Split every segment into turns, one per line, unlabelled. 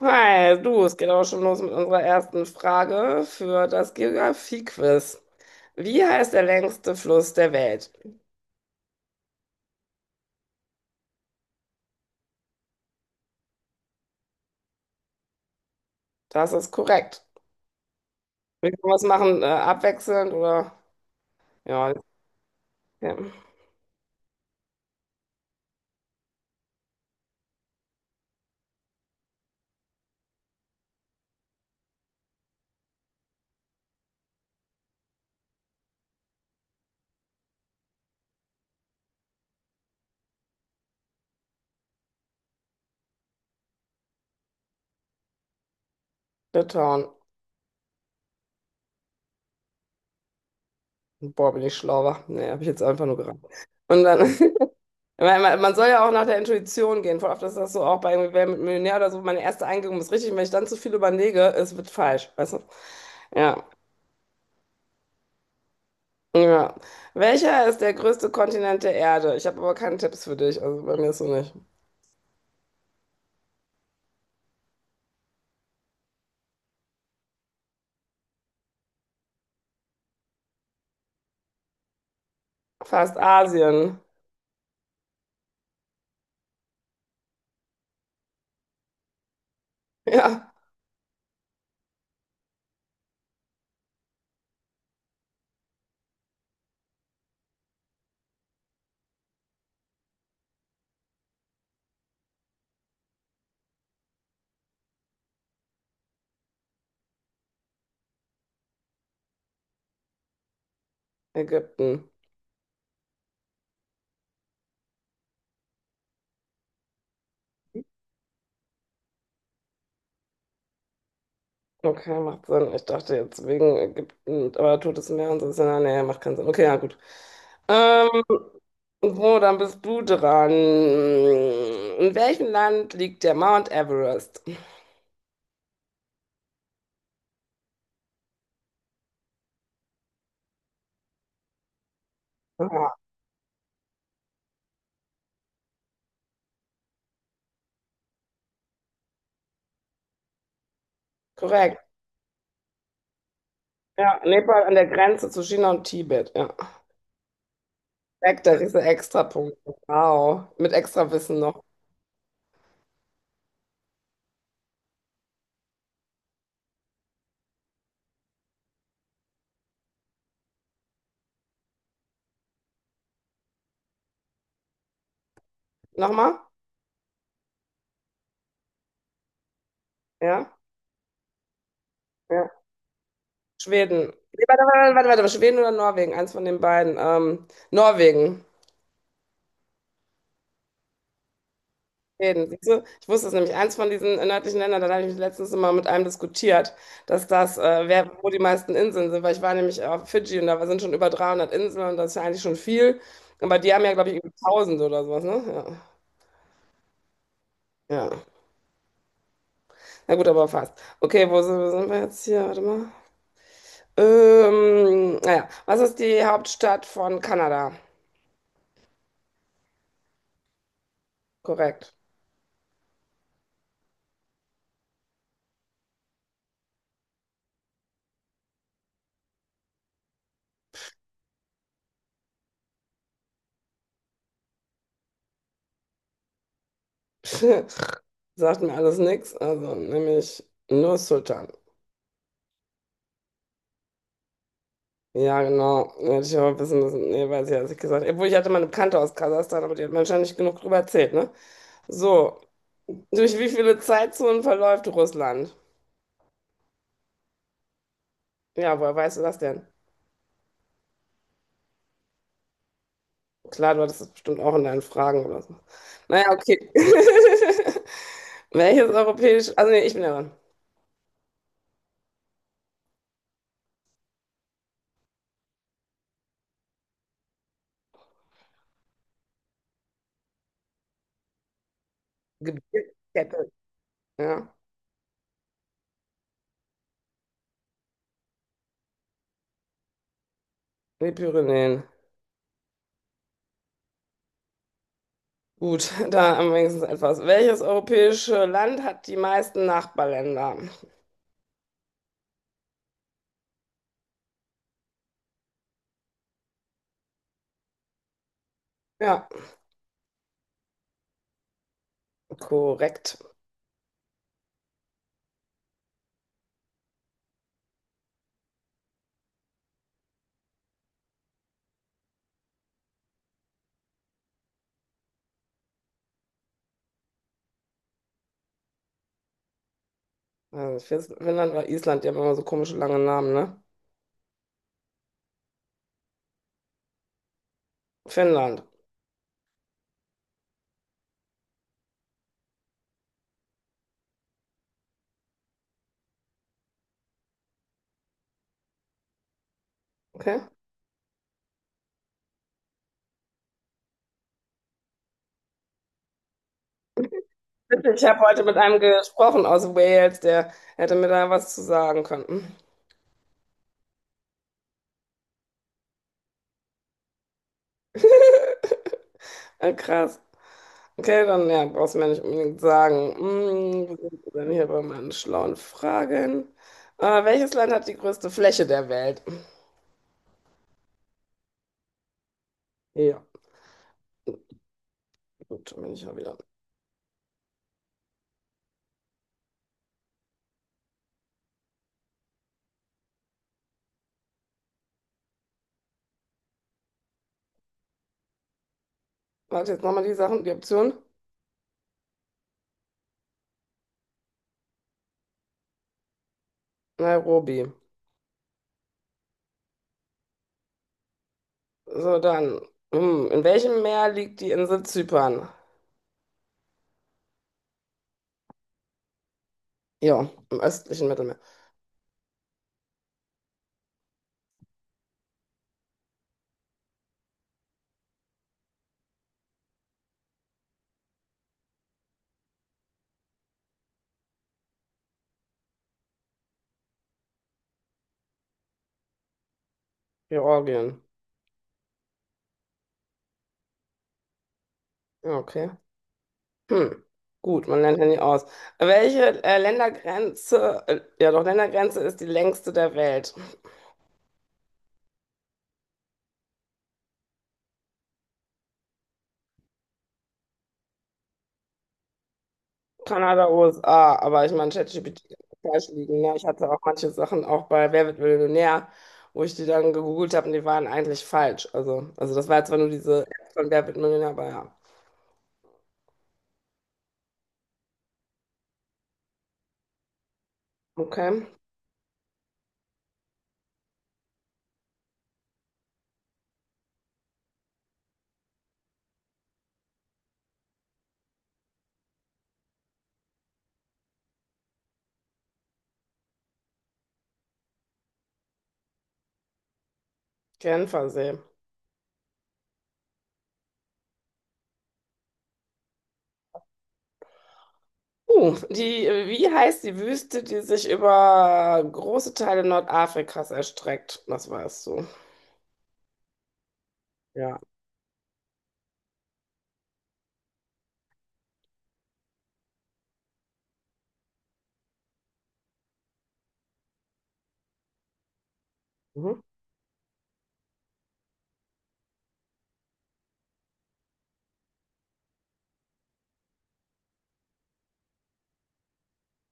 Hi, du, es geht auch schon los mit unserer ersten Frage für das Geografie-Quiz. Wie heißt der längste Fluss der Welt? Das ist korrekt. Wir können was machen, abwechselnd oder ja, ja. Litauen. Boah, bin ich schlauer. Nee, habe ich jetzt einfach nur geraten. Und dann, weil man soll ja auch nach der Intuition gehen. Voll oft ist das so auch bei irgendwie Wer wird Millionär oder so. Meine erste Eingebung ist richtig. Wenn ich dann zu viel überlege, es wird falsch. Weißt du? Ja. Ja. Welcher ist der größte Kontinent der Erde? Ich habe aber keine Tipps für dich, also bei mir ist so nicht. Fast Asien. Ja, Ägypten. Okay, macht Sinn. Ich dachte jetzt wegen Ägypten, aber Totes Meer und so ist ja, nah, nee, macht keinen Sinn. Okay, ja, gut. Ähm, so, dann bist du dran. In welchem Land liegt der Mount Everest? Aha, korrekt. Ja, Nepal an der Grenze zu China und Tibet. Ja. Korrekt, da kriegst du extra Punkte. Wow. Mit extra Wissen noch. Nochmal? Ja, ja. Schweden. Nee, warte, warte, warte, warte, Schweden oder Norwegen? Eins von den beiden. Norwegen. Schweden, siehst du? Ich wusste es nämlich, eins von diesen nördlichen Ländern, da habe ich mich letztens mal mit einem diskutiert, dass das, wer, wo die meisten Inseln sind, weil ich war nämlich auf Fidschi und da sind schon über 300 Inseln und das ist ja eigentlich schon viel. Aber die haben ja, glaube ich, über 1000 oder sowas, ne? Ja, ja. Na gut, aber fast. Okay, wo sind wir jetzt hier? Warte mal. Naja, was ist die Hauptstadt von Kanada? Korrekt. Sagt mir alles nichts, also nämlich nur Sultan. Ja, genau. Hätte ich aber wissen müssen. Nee, weiß ich, ja, als ich gesagt habe. Obwohl, ich hatte mal eine Bekannte aus Kasachstan, aber die hat mir wahrscheinlich nicht genug drüber erzählt, ne? So, durch wie viele Zeitzonen verläuft Russland? Ja, woher weißt du das denn? Klar, du hattest das bestimmt auch in deinen Fragen oder so. Naja, okay. Welches europäisch... Also, nee, ich bin ja dran. Gebirgskette. Ja, die Pyrenäen. Gut, da am wenigsten etwas. Welches europäische Land hat die meisten Nachbarländer? Ja, korrekt. Also Fis- Finnland oder Island, die haben immer so komische lange Namen, ne? Finnland, okay. Ich habe heute mit einem gesprochen aus Wales, der hätte mir da was zu sagen können. Hm, krass. Okay, dann ja, brauchst du mir nicht unbedingt sagen. Hm, wo sind wir denn hier bei meinen schlauen Fragen? Welches Land hat die größte Fläche der Welt? Ja, gut, bin ich ja wieder. Warte, jetzt nochmal die Sachen, die Option. Nairobi. So, dann. Hm. In welchem Meer liegt die Insel Zypern? Ja, im östlichen Mittelmeer. Georgien. Ja, okay. Hm. Gut, man lernt ja nie aus. Welche Ländergrenze, ja doch, Ländergrenze ist die längste der Welt? Kanada, USA, aber ich meine, ChatGPT kann falsch liegen. Ne? Ich hatte auch manche Sachen auch bei Wer wird Millionär, wo ich die dann gegoogelt habe und die waren eigentlich falsch. Also das war jetzt zwar nur diese App von Wer wird Millionär, aber ja. Okay. Genfersee. Die, wie heißt die Wüste, die sich über große Teile Nordafrikas erstreckt? Das weißt du. Ja. Mhm.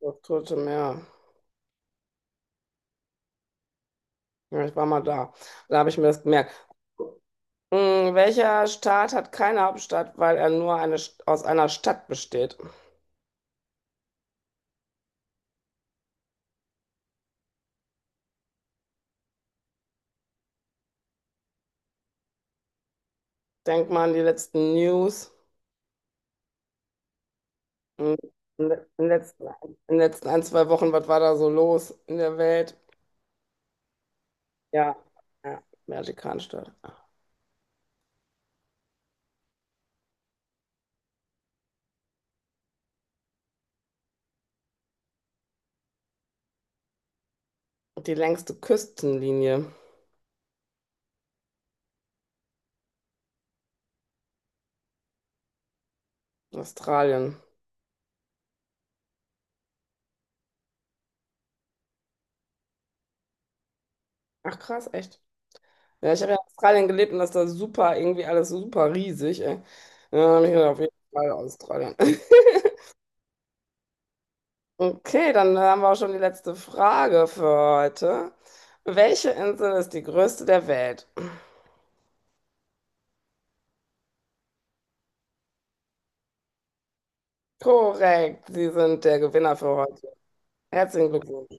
Das Tote Meer. Ja, ich war mal da. Da habe ich mir das gemerkt. Hm, welcher Staat hat keine Hauptstadt, weil er nur eine, St- aus einer Stadt besteht? Denk mal an die letzten News. Hm, In den letzten ein, zwei Wochen, was war da so los in der Welt? Ja, ja, Vatikanstadt. Die längste Küstenlinie Australien. Ach krass, echt. Ja, ich habe ja in Australien gelebt und das ist da super, irgendwie alles super riesig, ey. Ja, dann hab ich gedacht, auf jeden Fall Australien. Okay, dann haben wir auch schon die letzte Frage für heute. Welche Insel ist die größte der Welt? Korrekt, Sie sind der Gewinner für heute. Herzlichen Glückwunsch.